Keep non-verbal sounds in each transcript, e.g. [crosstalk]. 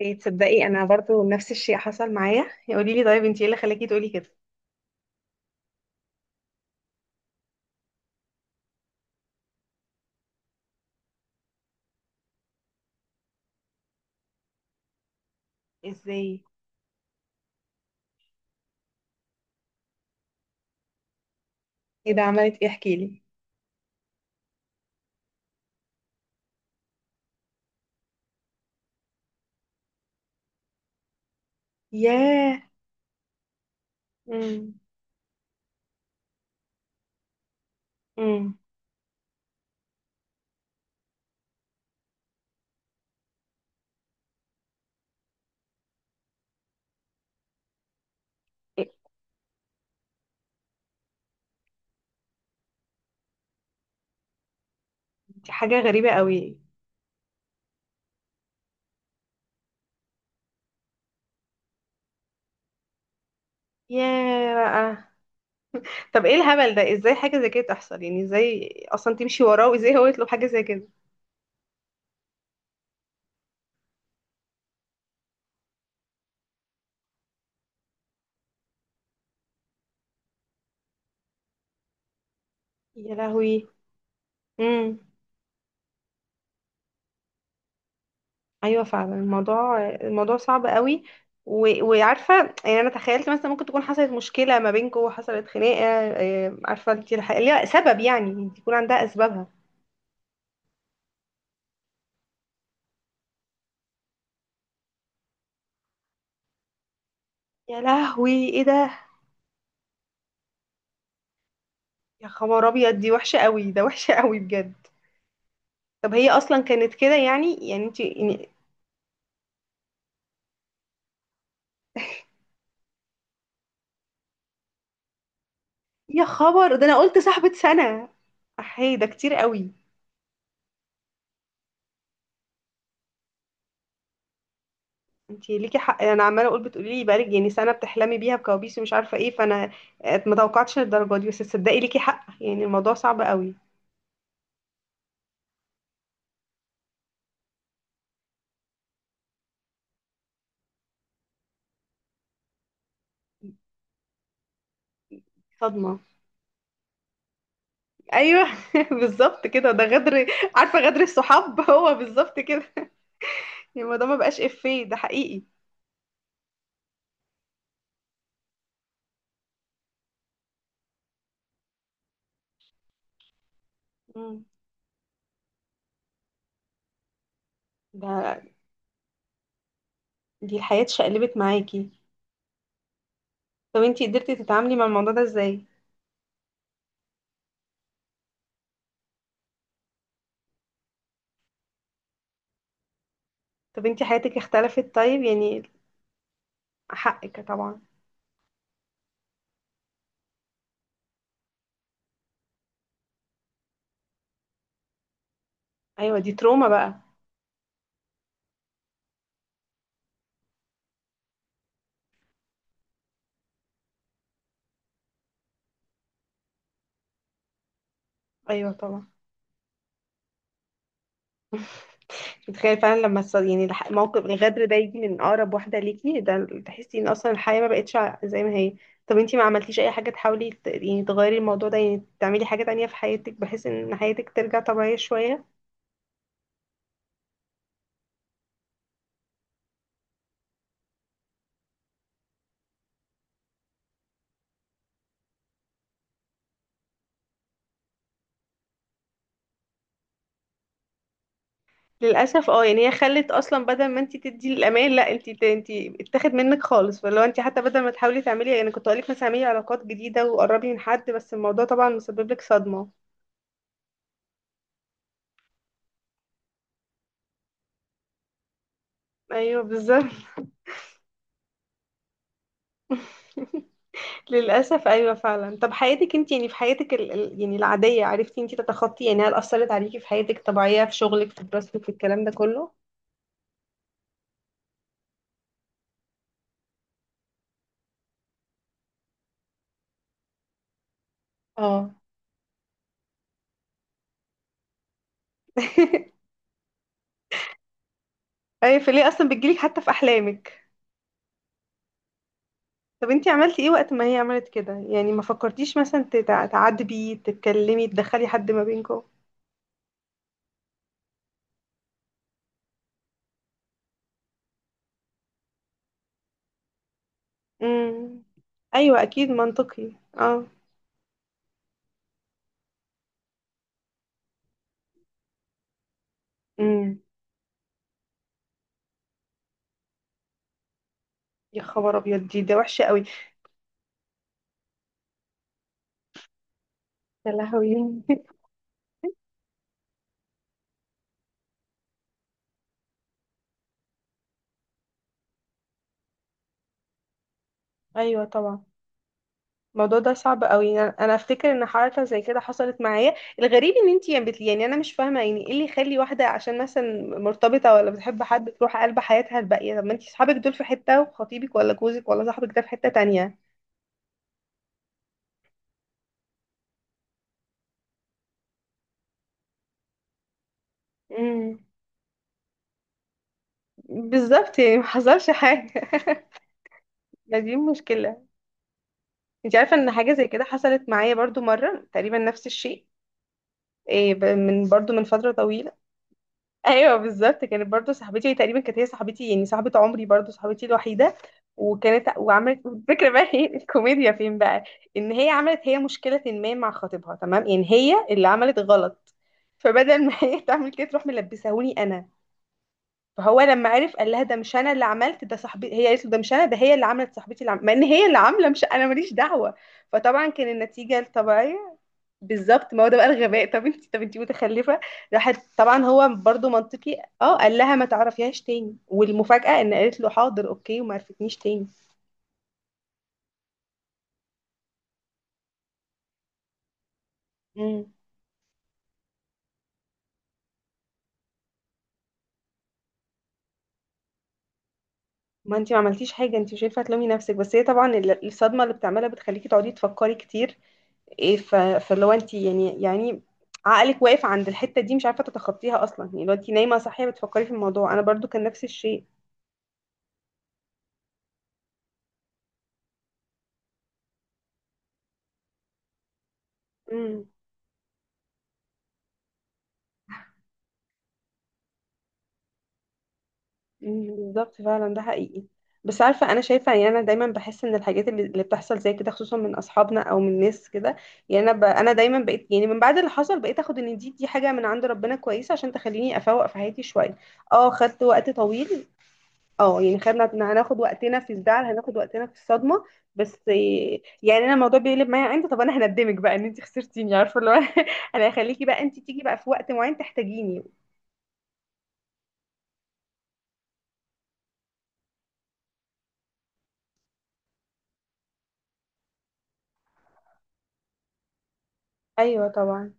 إيه، تصدقي انا برضو نفس الشيء حصل معايا، يقولي لي طيب انتي ايه اللي خلاكي تقولي كده؟ ازاي؟ ايه ده؟ عملت ايه؟ احكي لي. ياه. امم. امم. إيه، دي حاجه غريبه قوي. ياه بقى. طب ايه الهبل ده؟ ازاي حاجه زي كده تحصل يعني؟ ازاي اصلا تمشي وراه؟ وازاي هو يطلب حاجه زي كده؟ يا لهوي. امم. ايوه فعلا، الموضوع صعب قوي. و... وعارفه، يعني انا تخيلت مثلا ممكن تكون حصلت مشكله ما بينكم، حصلت خناقه. إيه، عارفه انت ليها سبب يعني، يكون عندها اسبابها. يا لهوي، ايه ده؟ يا خبر ابيض، دي وحشه قوي، ده وحشه قوي بجد. طب هي اصلا كانت كده يعني؟ يعني انت يعني... يا خبر، ده انا قلت صاحبه سنه؟ احي، ده كتير قوي. انت ليكي حق، انا عماله اقول بتقولي لي بقالك يعني سنه بتحلمي بيها بكوابيس ومش عارفه ايه، فانا آه، ما توقعتش للدرجه دي، بس تصدقي ليكي حق، يعني الموضوع صعب قوي. صدمه. ايوه. [laughs] بالظبط كده، ده غدر. عارفه، غدر الصحاب [laughs] هو بالظبط كده. يعني الموضوع ما بقاش افيه، ده حقيقي. مم. ده دي الحياة اتشقلبت معاكي. طب انتي قدرتي تتعاملي مع الموضوع ده ازاي؟ طب انتي حياتك اختلفت طيب، يعني... حقك طبعا. ايوه، دي تروما بقى. ايوه طبعا. [laughs] متخيل فعلا لما يعني موقف الغدر ده يجي من اقرب واحده ليكي، ده تحسي ان اصلا الحياه ما بقتش زي ما هي. طب انتي ما عملتيش اي حاجه تحاولي يعني تغيري الموضوع ده، يعني تعملي حاجه تانية في حياتك، بحيث ان حياتك ترجع طبيعيه شويه؟ للاسف اه، يعني هي خلت اصلا بدل ما انت تدي الامان، لا انت اتاخد منك خالص، فلو انت حتى بدل ما تحاولي تعملي، يعني كنت اقولك مثلا اعملي علاقات جديده وقربي من حد، بس الموضوع طبعا مسبب لك صدمه. ايوه بالظبط. [laughs] للاسف، ايوه فعلا، طب حياتك انت يعني في حياتك يعني العاديه، عرفتي انت تتخطي يعني؟ هل اثرت عليكي في حياتك الطبيعيه، في شغلك، في دراستك، في الكلام ده كله؟ اه. [laughs] ايوه، فليه اصلا بتجيلك حتى في احلامك؟ طب انتي عملتي ايه وقت ما هي عملت كده؟ يعني ما فكرتيش مثلا تعاتبي، تتكلمي، تدخلي حد ما بينكم؟ امم. ايوه اكيد منطقي. اه. امم. يا خبر ابيض، ده وحشه قوي. يا لهوي. [laughs] ايوه طبعا، الموضوع ده صعب قوي. انا افتكر ان حركه زي كده حصلت معايا. الغريب ان انتي يعني يعني انا مش فاهمه يعني ايه اللي يخلي واحده عشان مثلا مرتبطه ولا بتحب حد تروح قلب حياتها الباقيه، طب ما انتي صحابك دول في حته، وخطيبك ولا جوزك ولا صاحبك ده في حته تانية. امم. بالظبط يعني ما حصلش حاجة. [laughs] دي مشكلة. انت عارفة ان حاجة زي كده حصلت معايا برضو مرة، تقريبا نفس الشيء. إيه، من برضو من فترة طويلة. [laughs] ايوه بالظبط، كانت برضو صاحبتي، هي تقريبا كانت هي صاحبتي يعني صاحبة عمري، برضو صاحبتي الوحيدة. وعملت الفكرة بقى، [laughs] هي الكوميديا فين بقى؟ ان هي عملت هي مشكلة ما مع خطيبها، تمام؟ يعني هي اللي عملت غلط. فبدل ما [laughs] هي تعمل كده، تروح ملبسهوني انا. فهو لما عرف، قال لها ده مش انا اللي عملت، ده صاحبي. هي قالت له ده مش انا، ده هي اللي عملت، صاحبتي اللي عملت. مع ان هي اللي عامله مش انا، ماليش دعوه. فطبعا كان النتيجه الطبيعيه. بالظبط، ما هو ده بقى الغباء. طب انت متخلفه. راحت طبعا، هو برضو منطقي اه، قال لها ما تعرفيهاش تاني، والمفاجاه ان قالت له حاضر اوكي وما عرفتنيش تاني. امم. ما انت ما عملتيش حاجه، انت مش هينفع تلومي نفسك، بس هي طبعا الصدمه اللي بتعملها بتخليكي تقعدي تفكري كتير. ايه، ف... فاللي هو انت يعني، يعني... عقلك واقف عند الحتة دي، مش عارفة تتخطيها اصلا، يعني لو انت نايمة صاحية بتفكري في الموضوع. انا برضو كان نفس الشيء. امم. أمم، بالظبط فعلا، ده حقيقي. بس عارفة، انا شايفة يعني انا دايما بحس ان الحاجات اللي بتحصل زي كده خصوصا من اصحابنا او من ناس كده. يعني انا انا دايما بقيت يعني من بعد اللي حصل بقيت اخد ان دي حاجة من عند ربنا كويسة، عشان تخليني افوق في حياتي شوية. اه، خدت وقت طويل. اه يعني، خدنا هناخد وقتنا في الزعل، هناخد وقتنا في الصدمة. بس إيه، يعني انا الموضوع بيقلب معايا انت، طب انا هندمك بقى ان انت خسرتيني، عارفة اللي هو. [laughs] انا هخليكي بقى انت تيجي بقى في وقت معين تحتاجيني. ايوه طبعا.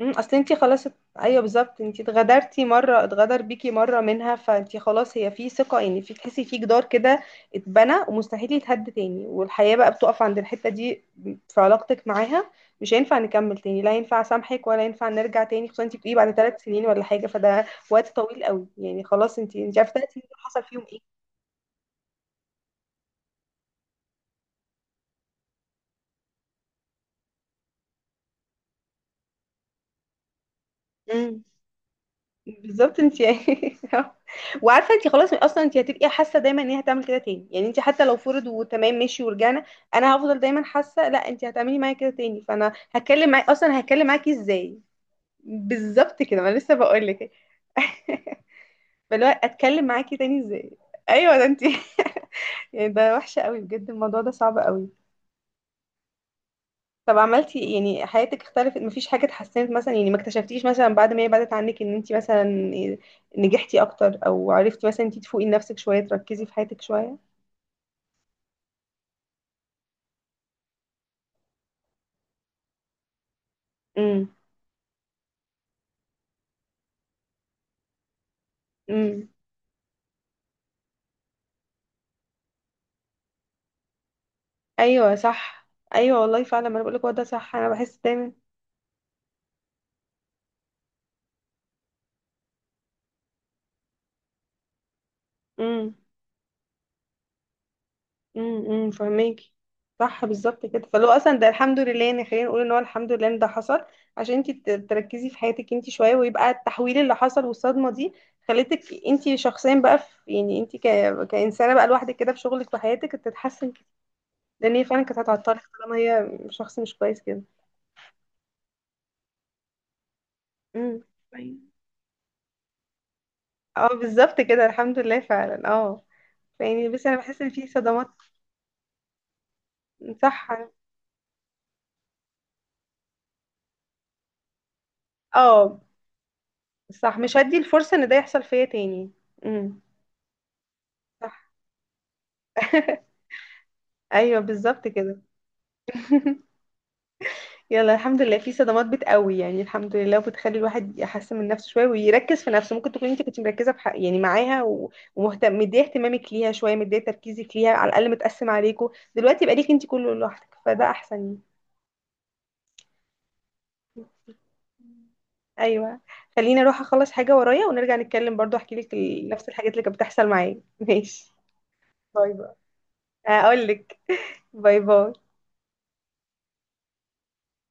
مم، اصل انتي خلاص ايوه بالظبط، انتي اتغدرتي مره، اتغدر بيكي مره منها، فانتي خلاص هي في ثقه يعني، في تحسي في جدار كده اتبنى، ومستحيل يتهد تاني، والحياه بقى بتقف عند الحته دي. في علاقتك معاها. مش هينفع نكمل تاني، لا ينفع اسامحك ولا ينفع نرجع تاني، خصوصا انتي بتقولي بعد 3 سنين ولا حاجه، فده وقت طويل قوي يعني، خلاص انتي عارفه 3 سنين دول حصل فيهم ايه. مم. بالظبط انت يعني... [laughs] وعارفه انت خلاص اصلا، انت هتبقي حاسه دايما ان هي هتعمل كده تاني يعني، انت حتى لو فرض وتمام ماشي ورجعنا، انا هفضل دايما حاسه لا انت هتعملي معايا كده تاني، فانا هتكلم معاك اصلا، هتكلم معاكي ازاي؟ بالظبط كده، ما أنا لسه بقول لك. [laughs] فاللي هو اتكلم معاكي تاني ازاي؟ ايوه ده انت. [laughs] يعني ده وحشه قوي بجد، الموضوع ده صعب قوي. طب عملتي إيه؟ يعني حياتك اختلفت؟ مفيش حاجة اتحسنت مثلا؟ يعني ما اكتشفتيش مثلا بعد ما هي بعدت عنك ان انت مثلا نجحتي اكتر، او عرفتي مثلا انت تفوقي لنفسك شوية، تركزي في حياتك شوية؟ امم. امم. ايوه صح. ايوه والله فعلا، ما انا بقولك هو ده صح، انا بحس دايما. امم، فهماكي. صح بالظبط كده، فلو اصلا ده الحمد لله، يعني خلينا نقول ان هو الحمد لله ان ده حصل، عشان انت تركزي في حياتك انت شويه، ويبقى التحويل اللي حصل والصدمه دي خلتك، انت شخصيا بقى في، يعني انت كانسانه بقى لوحدك كده، في شغلك وحياتك تتحسن كتير، لان هي فعلا كانت هتعطلك، طالما هي شخص مش كويس كده. امم. طيب. اه بالظبط كده، الحمد لله فعلا، اه. يعني بس انا بحس ان في صدمات. صح. اه صح، مش هدي الفرصه ان ده يحصل فيا تاني. امم. صح. [laughs] ايوه بالظبط كده. [laughs] يلا الحمد لله، في صدمات بتقوي يعني، الحمد لله، وبتخلي الواحد يحسن من نفسه شويه ويركز في نفسه، ممكن تكون انت كنت مركزه يعني معاها و- ومهتم، مديه اهتمامك ليها شويه، مديه تركيزك ليها، على الاقل متقسم عليكوا. دلوقتي يبقى ليك انت كله لوحدك، فده احسن يعني. ايوه، خليني اروح اخلص حاجه ورايا، ونرجع نتكلم برضو احكي لك نفس الحاجات اللي كانت بتحصل معايا. [laughs] ماشي؟ باي باي. اقول لك. باي باي.